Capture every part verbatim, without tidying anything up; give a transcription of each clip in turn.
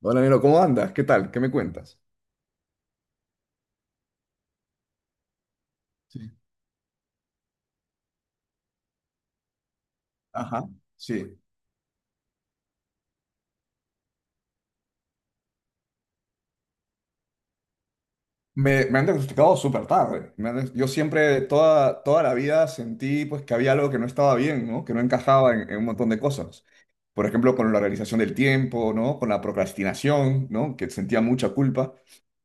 Hola, Nero, ¿cómo andas? ¿Qué tal? ¿Qué me cuentas? Sí, ajá, sí. Me, me han diagnosticado súper tarde. Me han- yo siempre, toda, toda la vida sentí pues, que había algo que no estaba bien, ¿no? Que no encajaba en, en un montón de cosas. Por ejemplo, con la organización del tiempo, ¿no? Con la procrastinación, ¿no? Que sentía mucha culpa.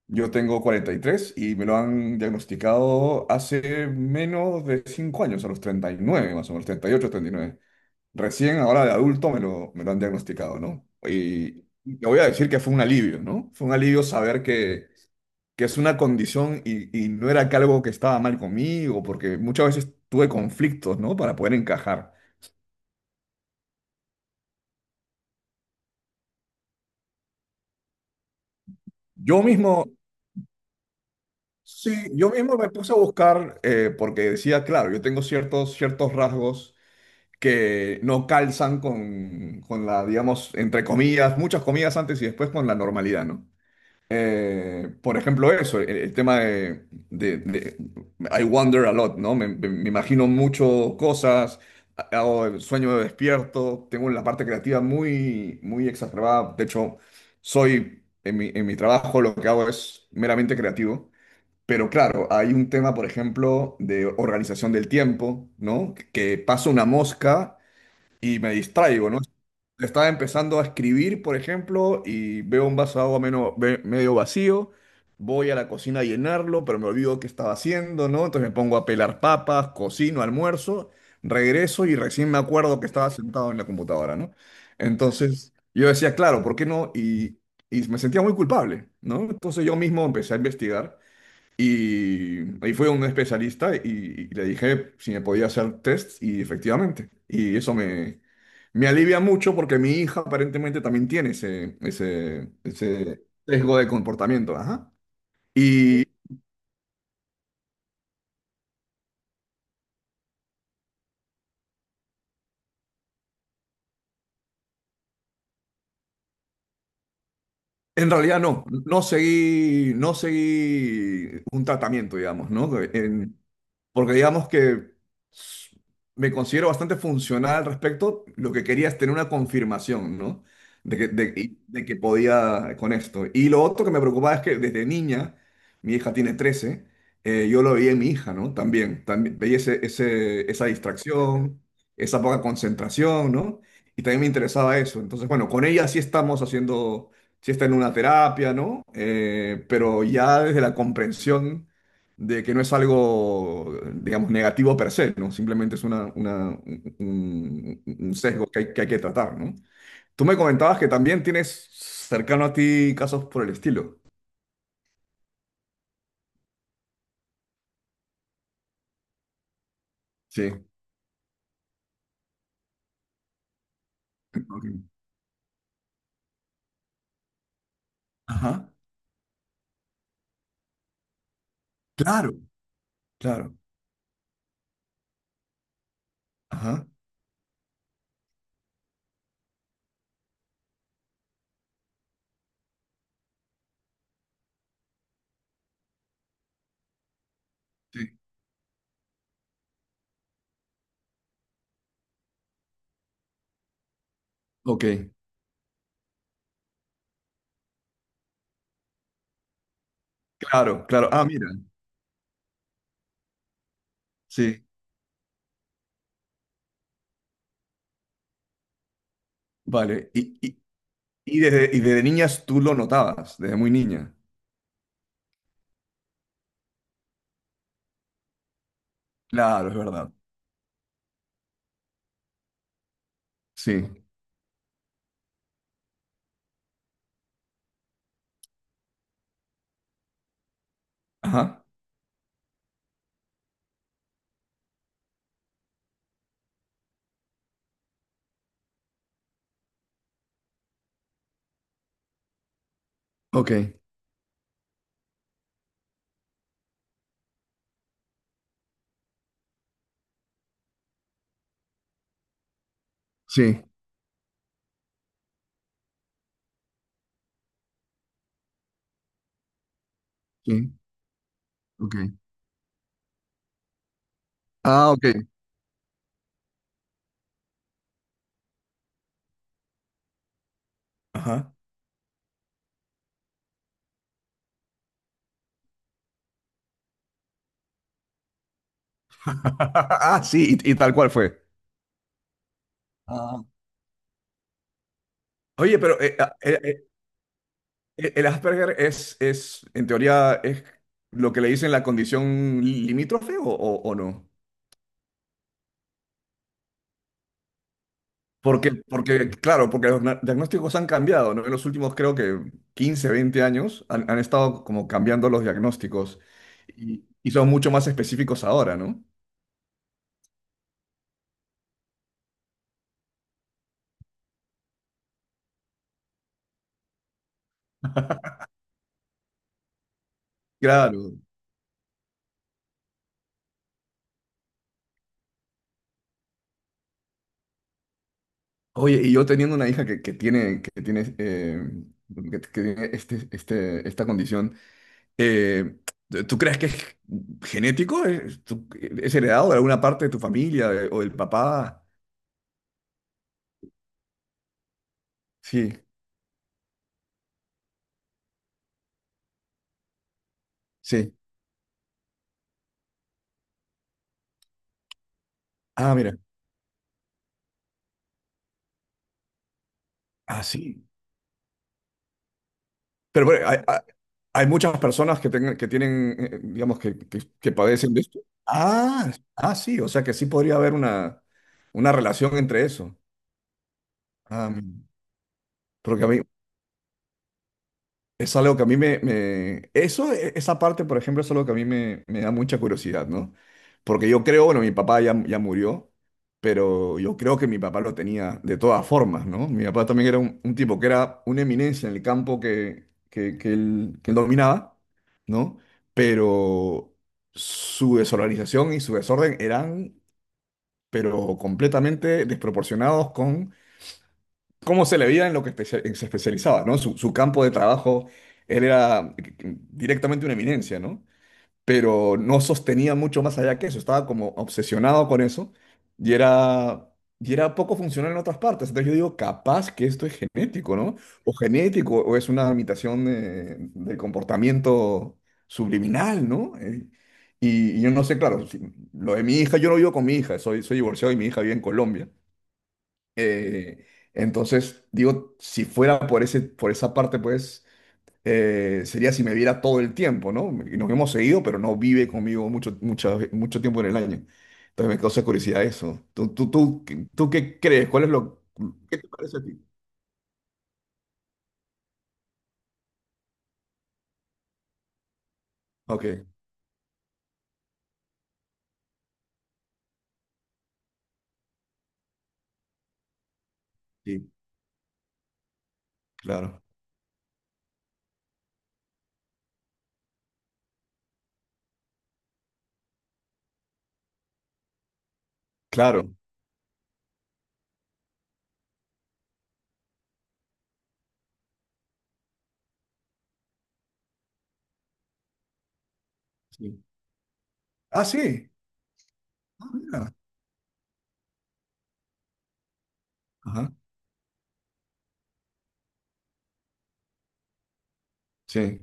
Yo tengo cuarenta y tres y me lo han diagnosticado hace menos de cinco años, a los treinta y nueve más o menos, treinta treinta y ocho, treinta y nueve. Recién ahora de adulto me lo, me lo han diagnosticado, ¿no? Y te voy a decir que fue un alivio, ¿no? Fue un alivio saber que, que es una condición y, y no era que algo que estaba mal conmigo, porque muchas veces tuve conflictos, ¿no? Para poder encajar. Yo mismo, sí, yo mismo me puse a buscar, eh, porque decía, claro, yo tengo ciertos, ciertos rasgos que no calzan con, con la, digamos, entre comillas, muchas comillas antes y después con la normalidad, ¿no? Eh, por ejemplo, eso, el, el tema de, de- de- I wonder a lot, ¿no? Me, me- me imagino mucho cosas, hago el sueño de despierto, tengo la parte creativa muy, muy exacerbada. De hecho, soy, en mi, en mi trabajo lo que hago es meramente creativo. Pero claro, hay un tema, por ejemplo, de organización del tiempo, ¿no? Que paso una mosca y me distraigo, ¿no? Estaba empezando a escribir, por ejemplo, y veo un vaso de agua meno- ve- medio vacío. Voy a la cocina a llenarlo, pero me olvido qué estaba haciendo, ¿no? Entonces me pongo a pelar papas, cocino, almuerzo, regreso y recién me acuerdo que estaba sentado en la computadora, ¿no? Entonces yo decía, claro, ¿por qué no? Y, y me sentía muy culpable, ¿no? Entonces yo mismo empecé a investigar y ahí fue un especialista y, y le dije si me podía hacer test y efectivamente. Y eso me, me alivia mucho porque mi hija aparentemente también tiene ese, ese, ese sesgo de comportamiento. Ajá. Y en realidad no, no seguí, no seguí un tratamiento, digamos, ¿no? En- porque digamos que s- me considero bastante funcional al respecto. Lo que quería es tener una confirmación, ¿no? De que, de, y- de que podía con esto. Y lo otro que me preocupaba es que desde niña, mi hija tiene trece eh, yo lo veía en mi hija, ¿no? También, también veía ese, ese- esa distracción, esa poca concentración, ¿no? Y también me interesaba eso. Entonces, bueno, con ella sí estamos haciendo, sí está en una terapia, ¿no? Eh, pero ya desde la comprensión de que no es algo, digamos, negativo per se, ¿no? Simplemente es una, una- un, un- un sesgo que hay, que hay que tratar, ¿no? Tú me comentabas que también tienes cercano a ti casos por el estilo. Sí. Ok. Ajá. Claro, claro. Ajá. Sí. Ok. Claro, claro. Ah, mira. Sí. Vale. Y, y, y desde, y desde niñas tú lo notabas, desde muy niña. Claro, es verdad. Sí. Ajá. Ok. Sí. Sí. Ok. Ah, ok. Ajá. Ah, sí, y, y tal cual fue. Ah, oye, pero eh, ah, eh, eh, eh, el Asperger es, es, en teoría, es lo que le dicen la condición limítrofe o, o- o no? Porque, porque, claro, porque los na- diagnósticos han cambiado, ¿no? En los últimos, creo que quince, veinte años, han, han estado como cambiando los diagnósticos y, y son mucho más específicos ahora, ¿no? Claro. Oye, y yo teniendo una hija que, que tiene, que tiene, eh, que- que tiene este, este, esta condición. Eh, ¿tú crees que es genético? ¿Es, tú- ¿es heredado de alguna parte de tu familia eh, o del papá? Sí, sí. Ah, mira. Ah, sí. Pero bueno, hay, hay- hay muchas personas que, tengan- que tienen, eh, digamos, que, que, que padecen de esto. Ah, ah, sí. O sea que sí podría haber una, una relación entre eso. Ah, mira. Porque a mí, es algo que a mí me, me- eso, e- esa parte, por ejemplo, es algo que a mí me, me da mucha curiosidad, ¿no? Porque yo creo, bueno, mi papá ya, ya murió, pero yo creo que mi papá lo tenía de todas formas, ¿no? Mi papá también era un, un tipo que era una eminencia en el campo que, que, que él, que él dominaba, ¿no? Pero su desorganización y su desorden eran, pero completamente desproporcionados con cómo se le veía en lo que especia- se especializaba, ¿no? Su, su campo de trabajo, él era directamente una eminencia, ¿no? Pero no sostenía mucho más allá que eso, estaba como obsesionado con eso y era, y era poco funcional en otras partes. Entonces yo digo, capaz que esto es genético, ¿no? O genético, o es una imitación de- del comportamiento subliminal, ¿no? Eh, Y, y yo no sé, claro, si- lo de mi hija, yo no vivo con mi hija, soy, soy divorciado y mi hija vive en Colombia. Eh, entonces, digo, si fuera por ese, por esa parte, pues eh, sería si me viera todo el tiempo, ¿no? Y nos hemos seguido, pero no vive conmigo mucho, mucho, mucho tiempo en el año. Entonces me causa curiosidad eso. ¿Tú, tú, tú, qué- ¿tú qué crees? ¿Cuál es lo... ¿Qué te parece a ti? Ok, sí, claro, claro. Sí. Ah, sí. Ah, mira. Ajá. Sí,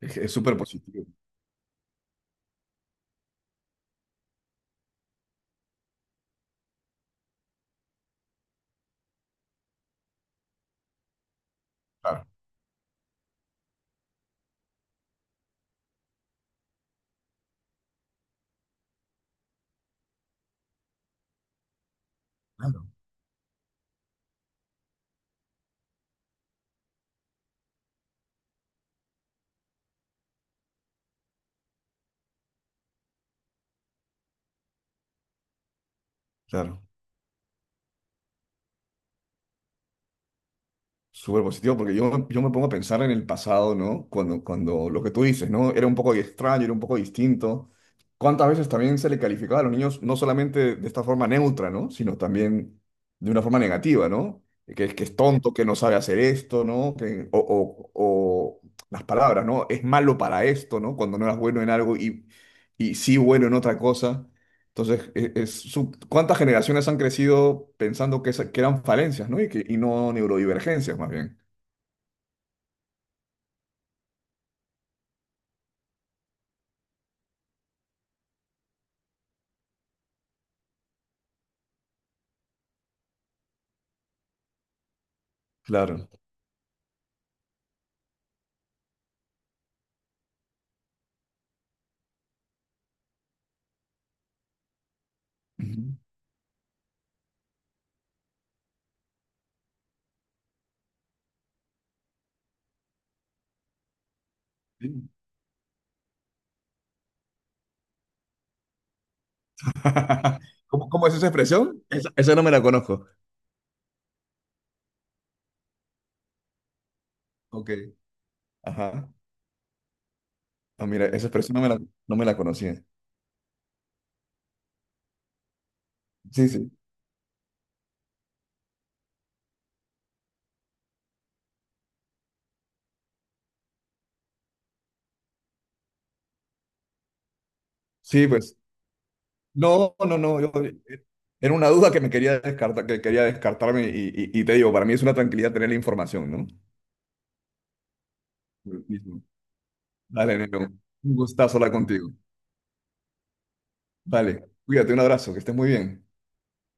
es, es súper positivo. Claro, claro, claro. Súper positivo, porque yo, yo me pongo a pensar en el pasado, ¿no? Cuando, cuando lo que tú dices, ¿no? Era un poco extraño, era un poco distinto. ¿Cuántas veces también se le calificaba a los niños, no solamente de esta forma neutra, ¿no? Sino también de una forma negativa, ¿no? Que, es- que es tonto, que no sabe hacer esto, ¿no? Que, o, o- o las palabras, ¿no? Es malo para esto, ¿no? Cuando no eras bueno en algo y, y sí bueno en otra cosa. Entonces, e- es su- ¿cuántas generaciones han crecido pensando que, esa- que eran falencias, ¿no? Y, que, y no neurodivergencias, más bien. Claro. Ujú. Sí. ¿Cómo, cómo es esa expresión? Esa, esa no me la conozco. Ok. Ajá. Ah, mira, esa expresión no me la, no me la conocía. Sí, sí. Sí, pues. No, no, no. Yo- eh, era una duda que me quería descartar, que quería descartarme y, y- y te digo, para mí es una tranquilidad tener la información, ¿no? Lo mismo. Dale, Nero. Un gustazo hablar contigo. Vale. Cuídate, un abrazo, que estés muy bien.